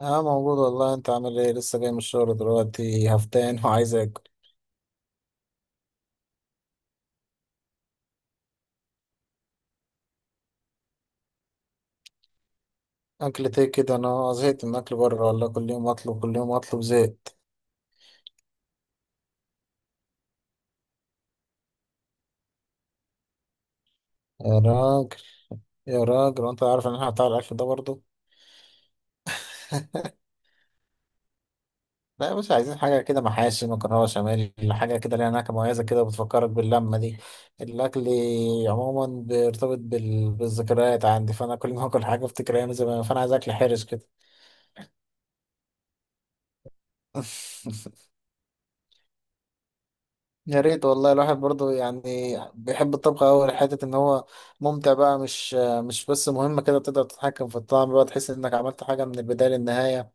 اه، موجود والله. انت عامل ايه؟ لسه جاي من الشغل دلوقتي، هفتان وعايز اكل. اكلة ايه كده؟ انا زهقت من اكل بره والله، كل يوم اطلب كل يوم اطلب، زهقت. يا راجل، يا راجل وانت عارف ان احنا بتاع الاكل ده برضه. لا يا باشا، عايزين حاجة كده، محاشي، مكرونة بشاميل، حاجة كده ليها نكهة مميزة كده، بتفكرك باللمة دي. الأكل عموما بيرتبط بالذكريات عندي، فأنا كل ما أكل حاجة أفتكر أيام زمان، فأنا عايز أكل حرش كده. يا ريت والله. الواحد برضه يعني بيحب الطبخ أوي لحتة إن هو ممتع بقى. مش بس مهمة كده، تقدر تتحكم في الطعم بقى، تحس إنك عملت حاجة من البداية للنهاية.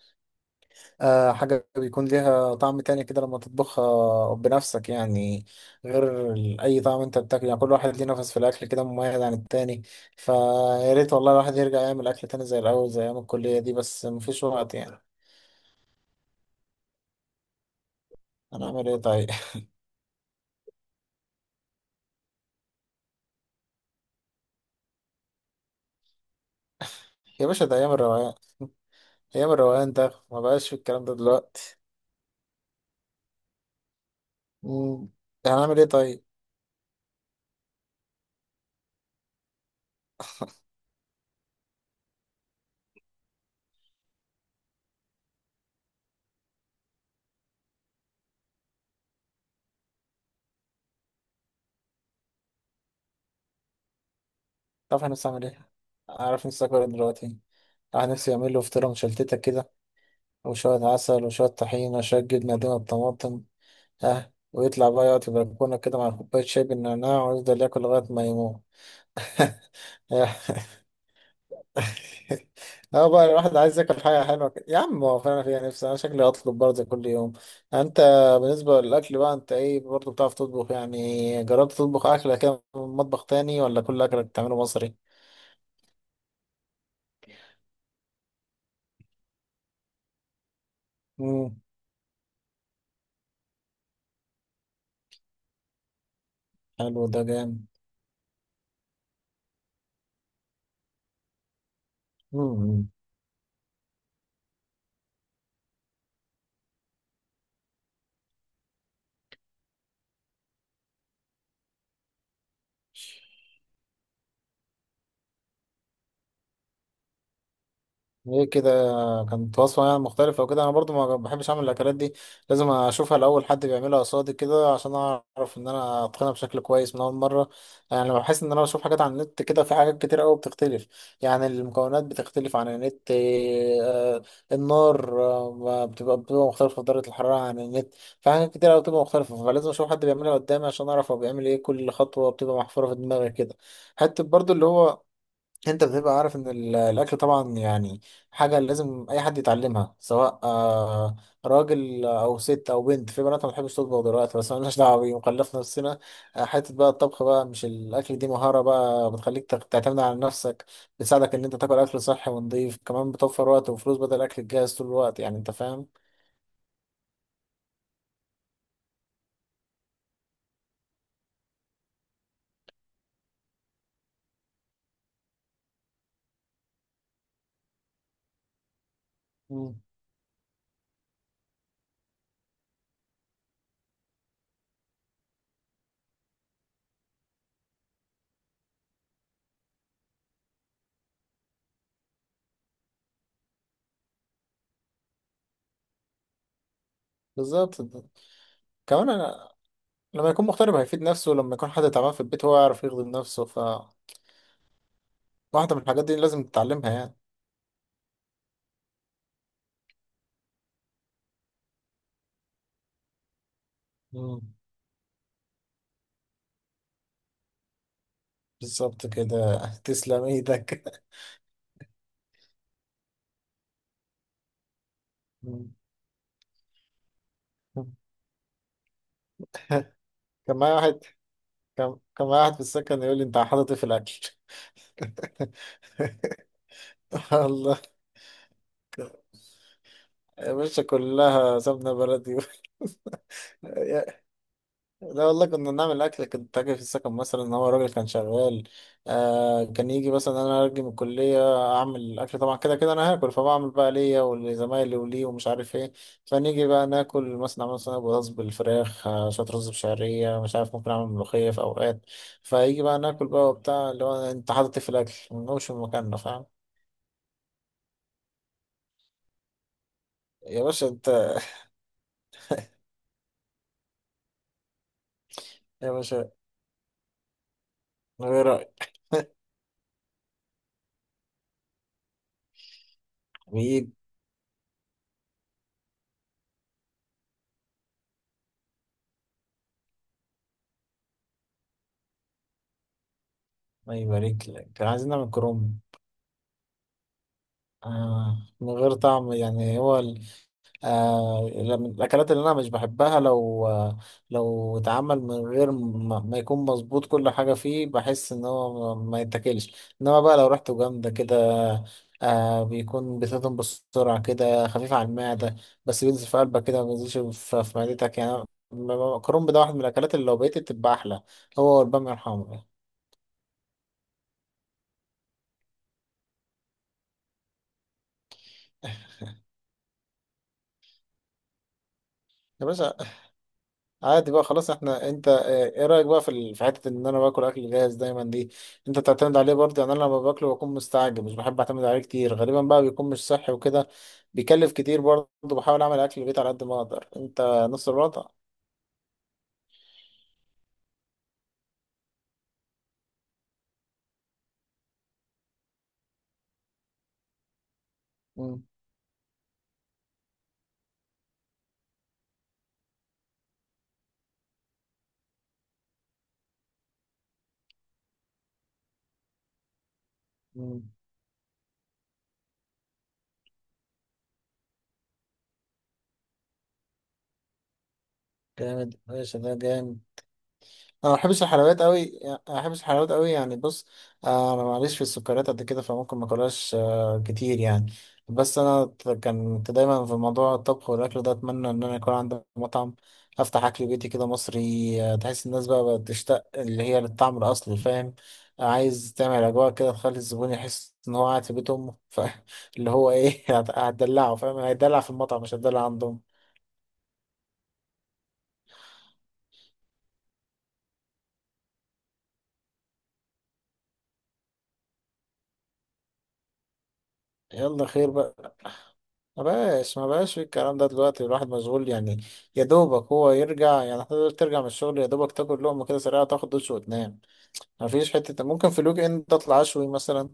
آه، حاجة بيكون ليها طعم تاني كده لما تطبخها بنفسك يعني. غير أي طعم أنت بتاكله، يعني كل واحد ليه نفس في الأكل كده مميز عن التاني. فيا ريت والله الواحد يرجع يعمل أكل تاني زي الأول، زي أيام الكلية دي، بس مفيش وقت يعني. هنعمل إيه طيب؟ يا باشا، ده أيام الروقان، أيام الروقان ده ما بقاش في الكلام ده دلوقتي. مم. يعني هنعمل ايه طيب؟ تعرف احنا نعمل ايه؟ عارف نفسي اكل إيه دلوقتي؟ الواحد نفسي يعمل له فطيرة مشلتتة كده، وشوية عسل وشوية طحينة، شوية جبنة قديمة بطماطم. اه، ويطلع بقى يقعد في البلكونة كده مع كوباية شاي بالنعناع ويفضل ياكل لغاية ما يموت. اه بقى، الواحد عايز ياكل حاجة حلوة كده يا عم، هو فعلا فيها نفسي، انا شكلي هطلب برضه كل يوم. يعني انت، بالنسبة للأكل بقى، انت ايه برضه؟ بتعرف تطبخ؟ يعني جربت تطبخ أكلة كده من مطبخ تاني ولا كل أكلك بتعمله مصري؟ مم. حلو ده جامد. مم. ايه كده؟ كانت وصفة يعني مختلفة وكده. انا برضو ما بحبش اعمل الاكلات دي. لازم اشوفها الاول، حد بيعملها قصادي كده عشان اعرف ان انا اتقنها بشكل كويس من اول مرة. يعني لما بحس ان انا بشوف حاجات على النت كده، في حاجات كتير قوي بتختلف. يعني المكونات بتختلف عن النت. آه، النار آه، بتبقى مختلفة درجة الحرارة عن النت. في حاجات كتير قوي بتبقى مختلفة، فلازم اشوف حد بيعملها قدامي عشان اعرف هو بيعمل ايه. كل خطوة بتبقى محفورة في دماغي كده. حتى برضو اللي هو، انت بتبقى عارف ان الاكل طبعا يعني. حاجه لازم اي حد يتعلمها، سواء آه، راجل او ست او بنت، في بنات ما بتحبش تطبخ دلوقتي بس مالناش دعوه بيه وكلفنا نفسنا. آه، حته بقى الطبخ بقى، مش الاكل، دي مهاره بقى بتخليك تعتمد على نفسك. بتساعدك ان انت تاكل اكل صحي ونضيف، كمان بتوفر وقت وفلوس بدل الاكل الجاهز طول الوقت، يعني انت فاهم. مم. بالظبط. كمان انا، لما يكون مغترب هيفيد نفسه، لما يكون حد تعبان في البيت هو يعرف يخدم نفسه، فواحده من الحاجات دي لازم تتعلمها يعني. مم. بالظبط كده. تسلم ايدك. مم. كان معايا واحد. كان معايا واحد في السكن يقول لي، انت حاطط إيه في الاكل؟ الله. يا باشا، كلها سمنه بلدي. لا والله، كنا بنعمل اكل. كنت اجي في السكن مثلا، هو الراجل كان شغال. آه، كان يجي مثلا، انا ارجع من الكليه. اعمل اكل، طبعا كده كده انا هاكل، فبعمل بقى ليا ولزمايلي وليه ومش عارف ايه. فنيجي بقى ناكل مثلا، اعمل صينيه بطاطس بالفراخ، آه شويه رز بشعريه، مش عارف، ممكن اعمل ملوخيه في اوقات. فيجي بقى ناكل بقى وبتاع، اللي هو انت حاطط إيه في الاكل، ما نقومش من مكاننا، فاهم؟ يا باشا انت. يا باشا، من غير رايك. حبيب. ما يبارك لك. كان عايزين نعمل كروم. آه، من غير طعم يعني هو. آه، من الأكلات اللي أنا مش بحبها لو آه، لو اتعمل من غير ما يكون مظبوط كل حاجة فيه، بحس إن هو ما يتاكلش. إنما بقى لو ريحته جامدة كده. آه، بيكون بتهضم بسرعة كده، خفيف على المعدة. بس بينزل في قلبك كده، ما بينزلش في معدتك يعني. الكرنب ده واحد من الأكلات اللي لو بقيت تبقى أحلى، هو والبامية الحمرا. يا باشا، عادي بقى خلاص. احنا انت اه، ايه رايك بقى في حته ان انا باكل اكل جاهز دايما دي؟ انت تعتمد عليه برضه، يعني انا لما باكله بكون مستعجل، مش بحب اعتمد عليه كتير، غالبا بقى بيكون مش صحي وكده. بيكلف كتير برضه. بحاول اعمل اكل البيت على قد ما اقدر، انت نص الوضع. مم. مم. جامد ماشي، ده جامد. انا ما بحبش الحلويات قوي يعني- ما بحبش الحلويات قوي يعني بص. آه، انا معليش في السكريات قد كده، فممكن ما اكلهاش آه، كتير يعني. بس انا كنت دايما في موضوع الطبخ والاكل ده، اتمنى ان انا يكون عندي مطعم، افتح اكل بيتي كده مصري، آه، تحس الناس بقى بقت تشتاق اللي هي للطعم الاصلي، فاهم؟ آه، عايز تعمل اجواء كده تخلي الزبون يحس ان هو قاعد في بيت امه اللي هو ايه؟ هتدلعه، فاهم؟ هيدلع في المطعم مش هتدلع عندهم. يلا خير بقى. ما بقاش في الكلام ده دلوقتي، الواحد مشغول يعني. يا دوبك هو يرجع يعني، حتى لو ترجع من الشغل يا دوبك تاكل لقمة كده سريعة، تاخد دش وتنام. ما فيش حتة، ممكن في الويك اند اطلع اشوي مثلا.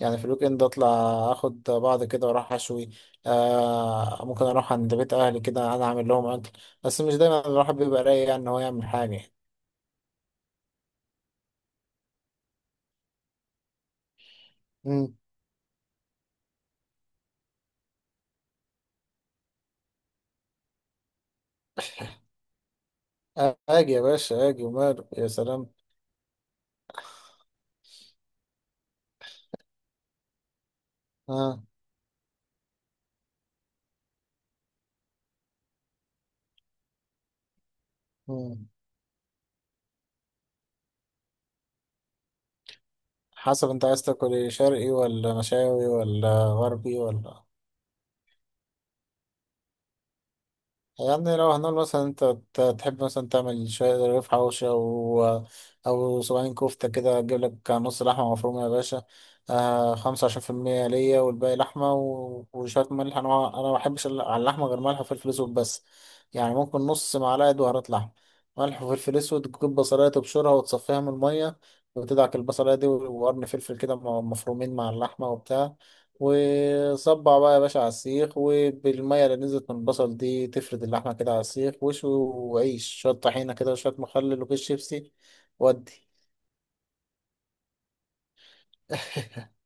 يعني في الويك اند اطلع، اخد بعض كده واروح اشوي. آه، ممكن اروح عند بيت اهلي كده انا اعمل لهم اكل. بس مش دايما الواحد بيبقى رايق يعني ان هو يعمل حاجة. امم. اجي يا باشا، اجي وماله، يا سلام. اه. مم. حسب انت عايز تاكل ايه، شرقي ولا مشاوي ولا غربي ولا؟ يعني لو هنقول مثلا انت تحب مثلا تعمل شوية رغيف حوشي، او او صباعين كفتة كده، تجيب لك نص لحمة مفرومة يا باشا. آه، 25% ليا والباقي لحمة، وشوية ملح. انا ما بحبش على اللحمة غير ملح وفلفل اسود بس. يعني ممكن نص معلقة بهارات لحمة، ملح وفلفل اسود. تجيب بصلاية تبشرها وتصفيها من المية، وتدعك البصلاية دي وقرن فلفل كده مفرومين مع اللحمة وبتاع. وصبع بقى يا باشا على السيخ، وبالمية اللي نزلت من البصل دي تفرد اللحمة كده على السيخ، وشوي وعيش شوية طحينة كده وشوية مخلل وكيس شيبسي. ودي.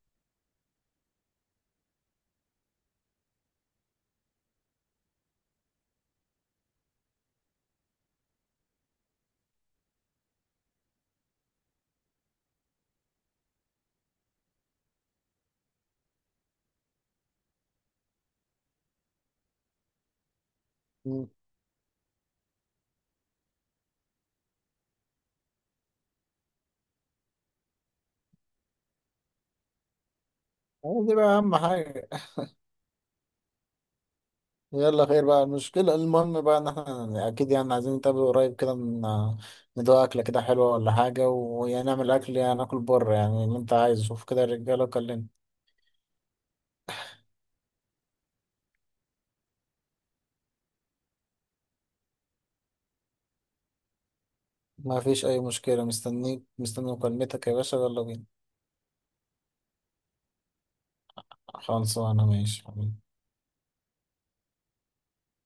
مم. هو دي بقى أهم حاجة. يلا خير بقى المشكلة، المهم بقى إن إحنا أكيد يعني عايزين نتقابل قريب كده، ندوق أكلة كده حلوة ولا حاجة، ونعمل أكل يعني، ناكل بره يعني اللي أنت عايزه، شوف كده الرجالة وكلمني. ما فيش أي مشكلة، مستنيك مستني مكالمتك يا باشا، يلا بينا. خلصانة ماشي.